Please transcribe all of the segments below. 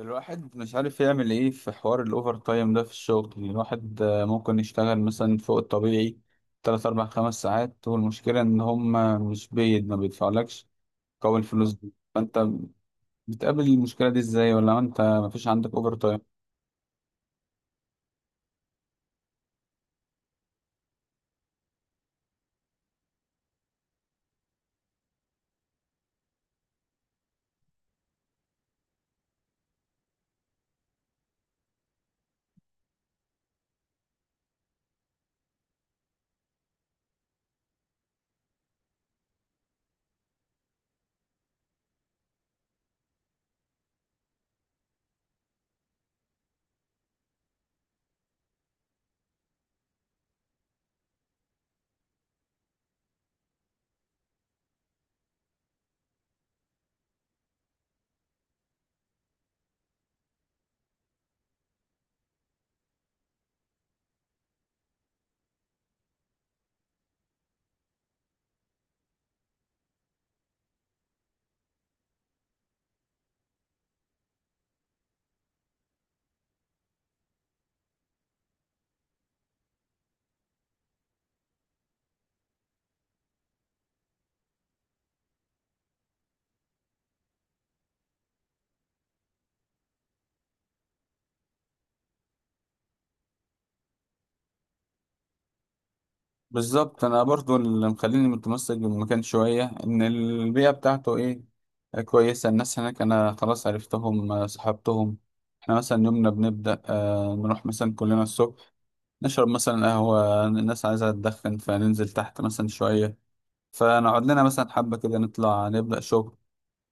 الواحد مش عارف يعمل ايه في حوار الاوفر تايم ده في الشغل. يعني الواحد ممكن يشتغل مثلا فوق الطبيعي تلات اربع خمس ساعات، والمشكلة ان هم مش بيد ما بيدفعلكش قوي الفلوس دي. فانت بتقابل المشكلة دي ازاي، ولا انت مفيش عندك اوفر تايم؟ بالظبط، انا برضو اللي مخليني متمسك بالمكان شوية ان البيئة بتاعته ايه، كويسة. الناس هناك انا خلاص عرفتهم، صحبتهم. احنا مثلا يومنا بنبدأ، نروح مثلا كلنا الصبح، نشرب مثلا قهوة. الناس عايزة تدخن، فننزل تحت مثلا شوية، فنقعد لنا مثلا حبة كده، نطلع نبدأ شغل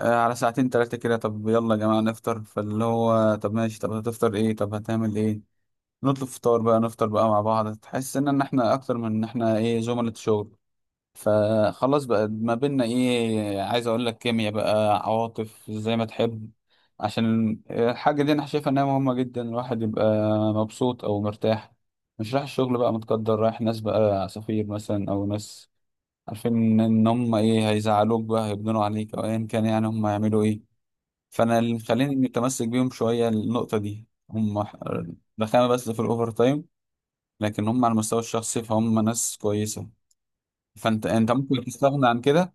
على ساعتين تلاتة، كده طب يلا يا جماعة نفطر، فاللي هو طب ماشي، طب هتفطر ايه، طب هتعمل ايه، نطلب فطار بقى، نفطر بقى مع بعض. تحس ان احنا اكتر من ان احنا ايه زملاء شغل. فخلاص بقى ما بينا ايه، عايز اقول لك كيمياء بقى، عواطف، زي ما تحب. عشان الحاجة دي انا شايفها انها مهمة جدا، الواحد يبقى مبسوط او مرتاح، مش رايح الشغل بقى متقدر، رايح ناس بقى عصافير مثلا، او ناس عارفين ان هم ايه هيزعلوك بقى، هيبنوا عليك او ايا كان، يعني هم هيعملوا ايه. فانا اللي مخليني متمسك بيهم شوية النقطة دي، هم رخامة بس في الاوفر تايم، لكن هم على المستوى الشخصي فهم ناس كويسة. فانت ممكن تستغنى عن كده؟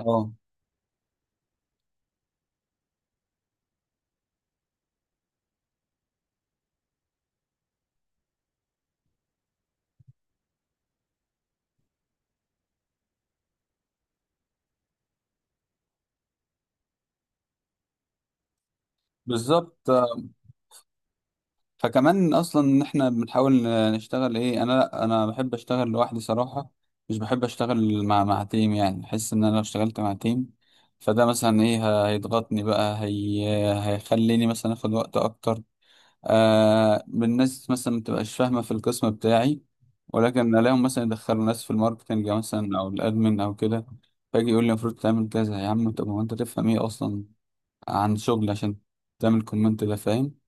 اه، بالظبط. فكمان اصلا ان احنا بنحاول نشتغل ايه، انا لا، انا بحب اشتغل لوحدي صراحه. مش بحب اشتغل مع تيم. يعني احس ان انا لو اشتغلت مع تيم فده مثلا ايه، هيضغطني بقى، هيخليني مثلا اخد وقت اكتر. الناس مثلا ما تبقاش فاهمه في القسم بتاعي، ولكن الاقيهم مثلا يدخلوا ناس في الماركتنج مثلا او الادمن او كده. فاجي يقول لي المفروض تعمل كذا يا عم، طب هو انت تفهم ايه اصلا عن شغل عشان تعمل كومنت، ده فاهم؟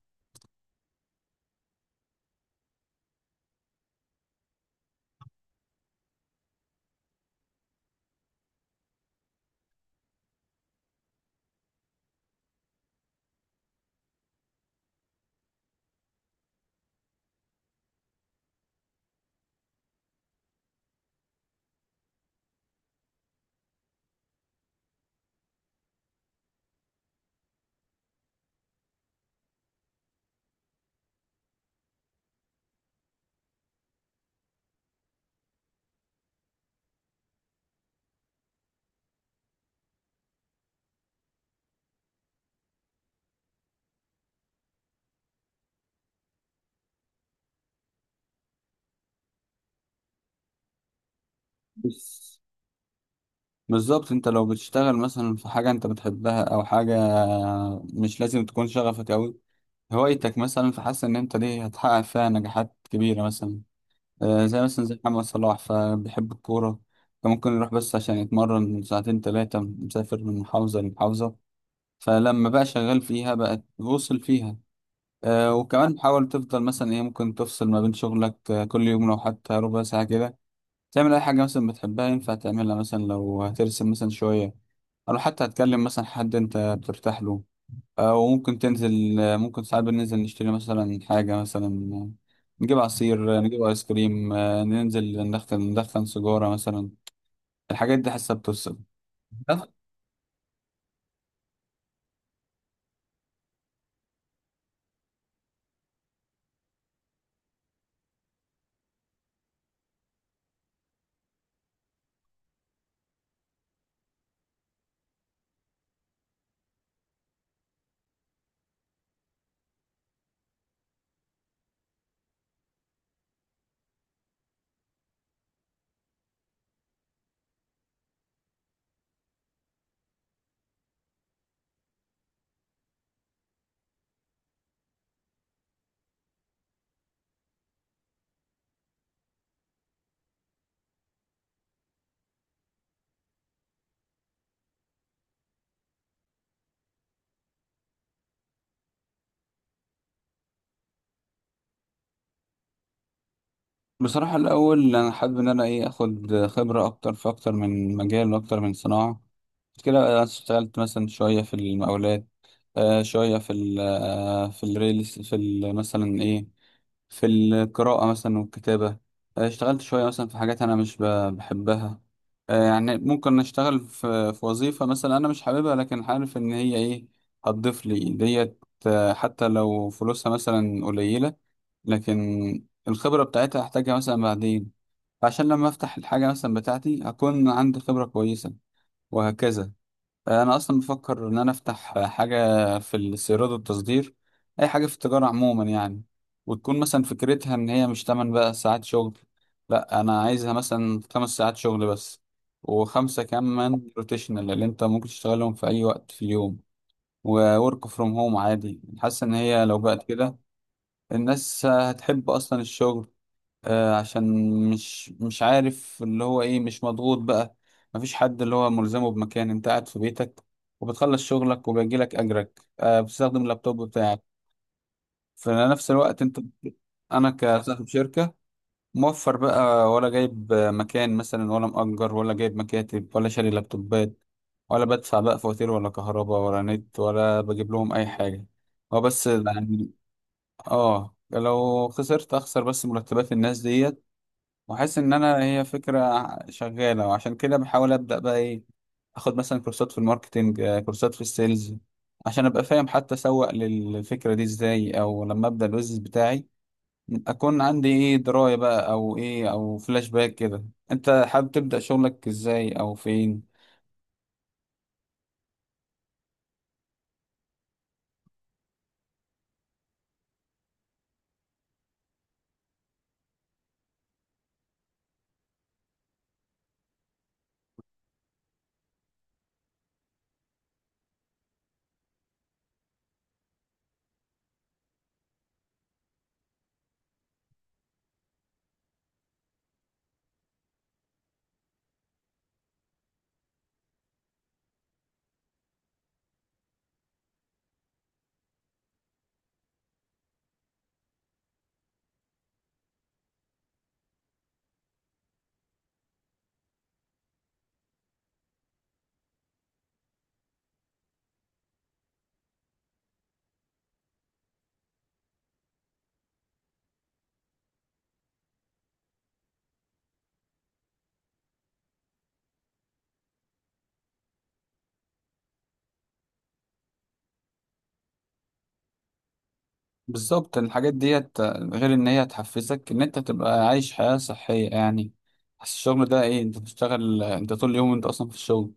بس بالظبط، انت لو بتشتغل مثلا في حاجة انت بتحبها، او حاجة مش لازم تكون شغفك اوي، هوايتك مثلا، فحاسس ان انت دي هتحقق فيها نجاحات كبيرة مثلا. زي مثلا زي محمد صلاح فبيحب الكورة، فممكن يروح بس عشان يتمرن ساعتين تلاتة، مسافر من محافظة لمحافظة، فلما بقى شغال فيها بقى وصل فيها. وكمان حاول تفضل مثلا ايه، ممكن تفصل ما بين شغلك كل يوم لو حتى ربع ساعة كده، تعمل اي حاجه مثلا بتحبها ينفع تعملها مثلا، لو هترسم مثلا شويه، او حتى هتكلم مثلا حد انت بترتاح له، او ممكن تنزل. ممكن ساعات بننزل نشتري مثلا حاجه مثلا، نجيب عصير، نجيب ايس كريم، ننزل ندخن سيجاره مثلا. الحاجات دي حاسه بتفصل. بصراحه الاول انا حابب ان انا ايه اخد خبره اكتر في اكتر من مجال واكتر من صناعه. كده أنا اشتغلت مثلا شويه في المقاولات، شوية في ال في الريل، في ال مثلا إيه، في القراءة مثلا والكتابة. اشتغلت شوية مثلا في حاجات أنا مش بحبها. يعني ممكن أشتغل في وظيفة مثلا أنا مش حاببها، لكن عارف إن هي إيه هتضيف لي ديت، حتى لو فلوسها مثلا قليلة، لكن الخبرة بتاعتها هحتاجها مثلا بعدين، عشان لما أفتح الحاجة مثلا بتاعتي أكون عندي خبرة كويسة، وهكذا. انا اصلا بفكر ان انا افتح حاجه في الاستيراد والتصدير، اي حاجه في التجاره عموما يعني. وتكون مثلا فكرتها ان هي مش تمن بقى ساعات شغل، لا انا عايزها مثلا 5 ساعات شغل بس، وخمسه كمان روتيشنال اللي انت ممكن تشتغلهم في اي وقت في اليوم. وورك فروم هوم عادي. حاسس ان هي لو بقت كده الناس هتحب اصلا الشغل، عشان مش عارف اللي هو ايه، مش مضغوط بقى، مفيش حد اللي هو ملزمه بمكان، انت قاعد في بيتك وبتخلص شغلك وبيجيلك اجرك، بتستخدم اللابتوب بتاعك في نفس الوقت. انت انا كصاحب شركة موفر بقى، ولا جايب مكان مثلا، ولا مأجر، ولا جايب مكاتب، ولا شاري لابتوبات، ولا بدفع بقى فواتير ولا كهرباء ولا نت، ولا بجيب لهم اي حاجة. هو بس يعني اه، لو خسرت اخسر بس مرتبات الناس ديت. واحس ان انا هي فكره شغاله، وعشان كده بحاول ابدا بقى ايه، اخد مثلا كورسات في الماركتينج، كورسات في السيلز، عشان ابقى فاهم حتى اسوق للفكره دي ازاي، او لما ابدا البيزنس بتاعي اكون عندي ايه درايه بقى او ايه او فلاش باك كده. انت حابب تبدا شغلك ازاي، او فين؟ بالظبط، الحاجات ديت غير ان هي تحفزك ان انت تبقى عايش حياة صحية يعني. بس الشغل ده ايه، انت بتشتغل انت طول اليوم، انت اصلا في الشغل،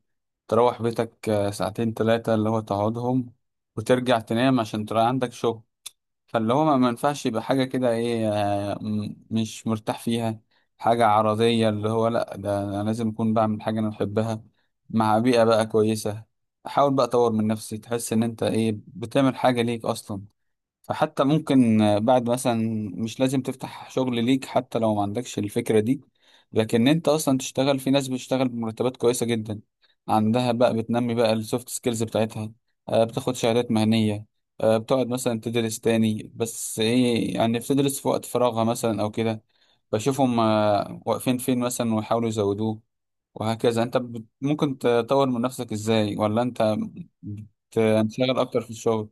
تروح بيتك ساعتين ثلاثة اللي هو تقعدهم، وترجع تنام عشان ترى عندك شغل. فاللي هو ما ينفعش يبقى حاجة كده ايه، مش مرتاح فيها، حاجة عرضية. اللي هو لا، ده انا لازم اكون بعمل حاجة انا بحبها، مع بيئة بقى كويسة. حاول بقى تطور من نفسي، تحس ان انت ايه بتعمل حاجة ليك اصلا، فحتى ممكن بعد مثلا، مش لازم تفتح شغل ليك حتى لو ما عندكش الفكرة دي، لكن انت اصلا تشتغل في ناس بتشتغل بمرتبات كويسة جدا، عندها بقى بتنمي بقى السوفت سكيلز بتاعتها، بتاخد شهادات مهنية، بتقعد مثلا تدرس تاني، بس ايه يعني، بتدرس في وقت فراغها مثلا او كده، بشوفهم واقفين فين مثلا، ويحاولوا يزودوه وهكذا. انت ممكن تطور من نفسك ازاي، ولا انت بتنشغل اكتر في الشغل؟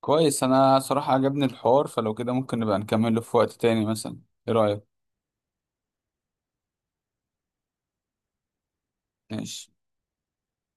كويس، انا صراحة عجبني الحوار، فلو كده ممكن نبقى نكمله في وقت تاني مثلا، ايه رأيك؟ ماشي.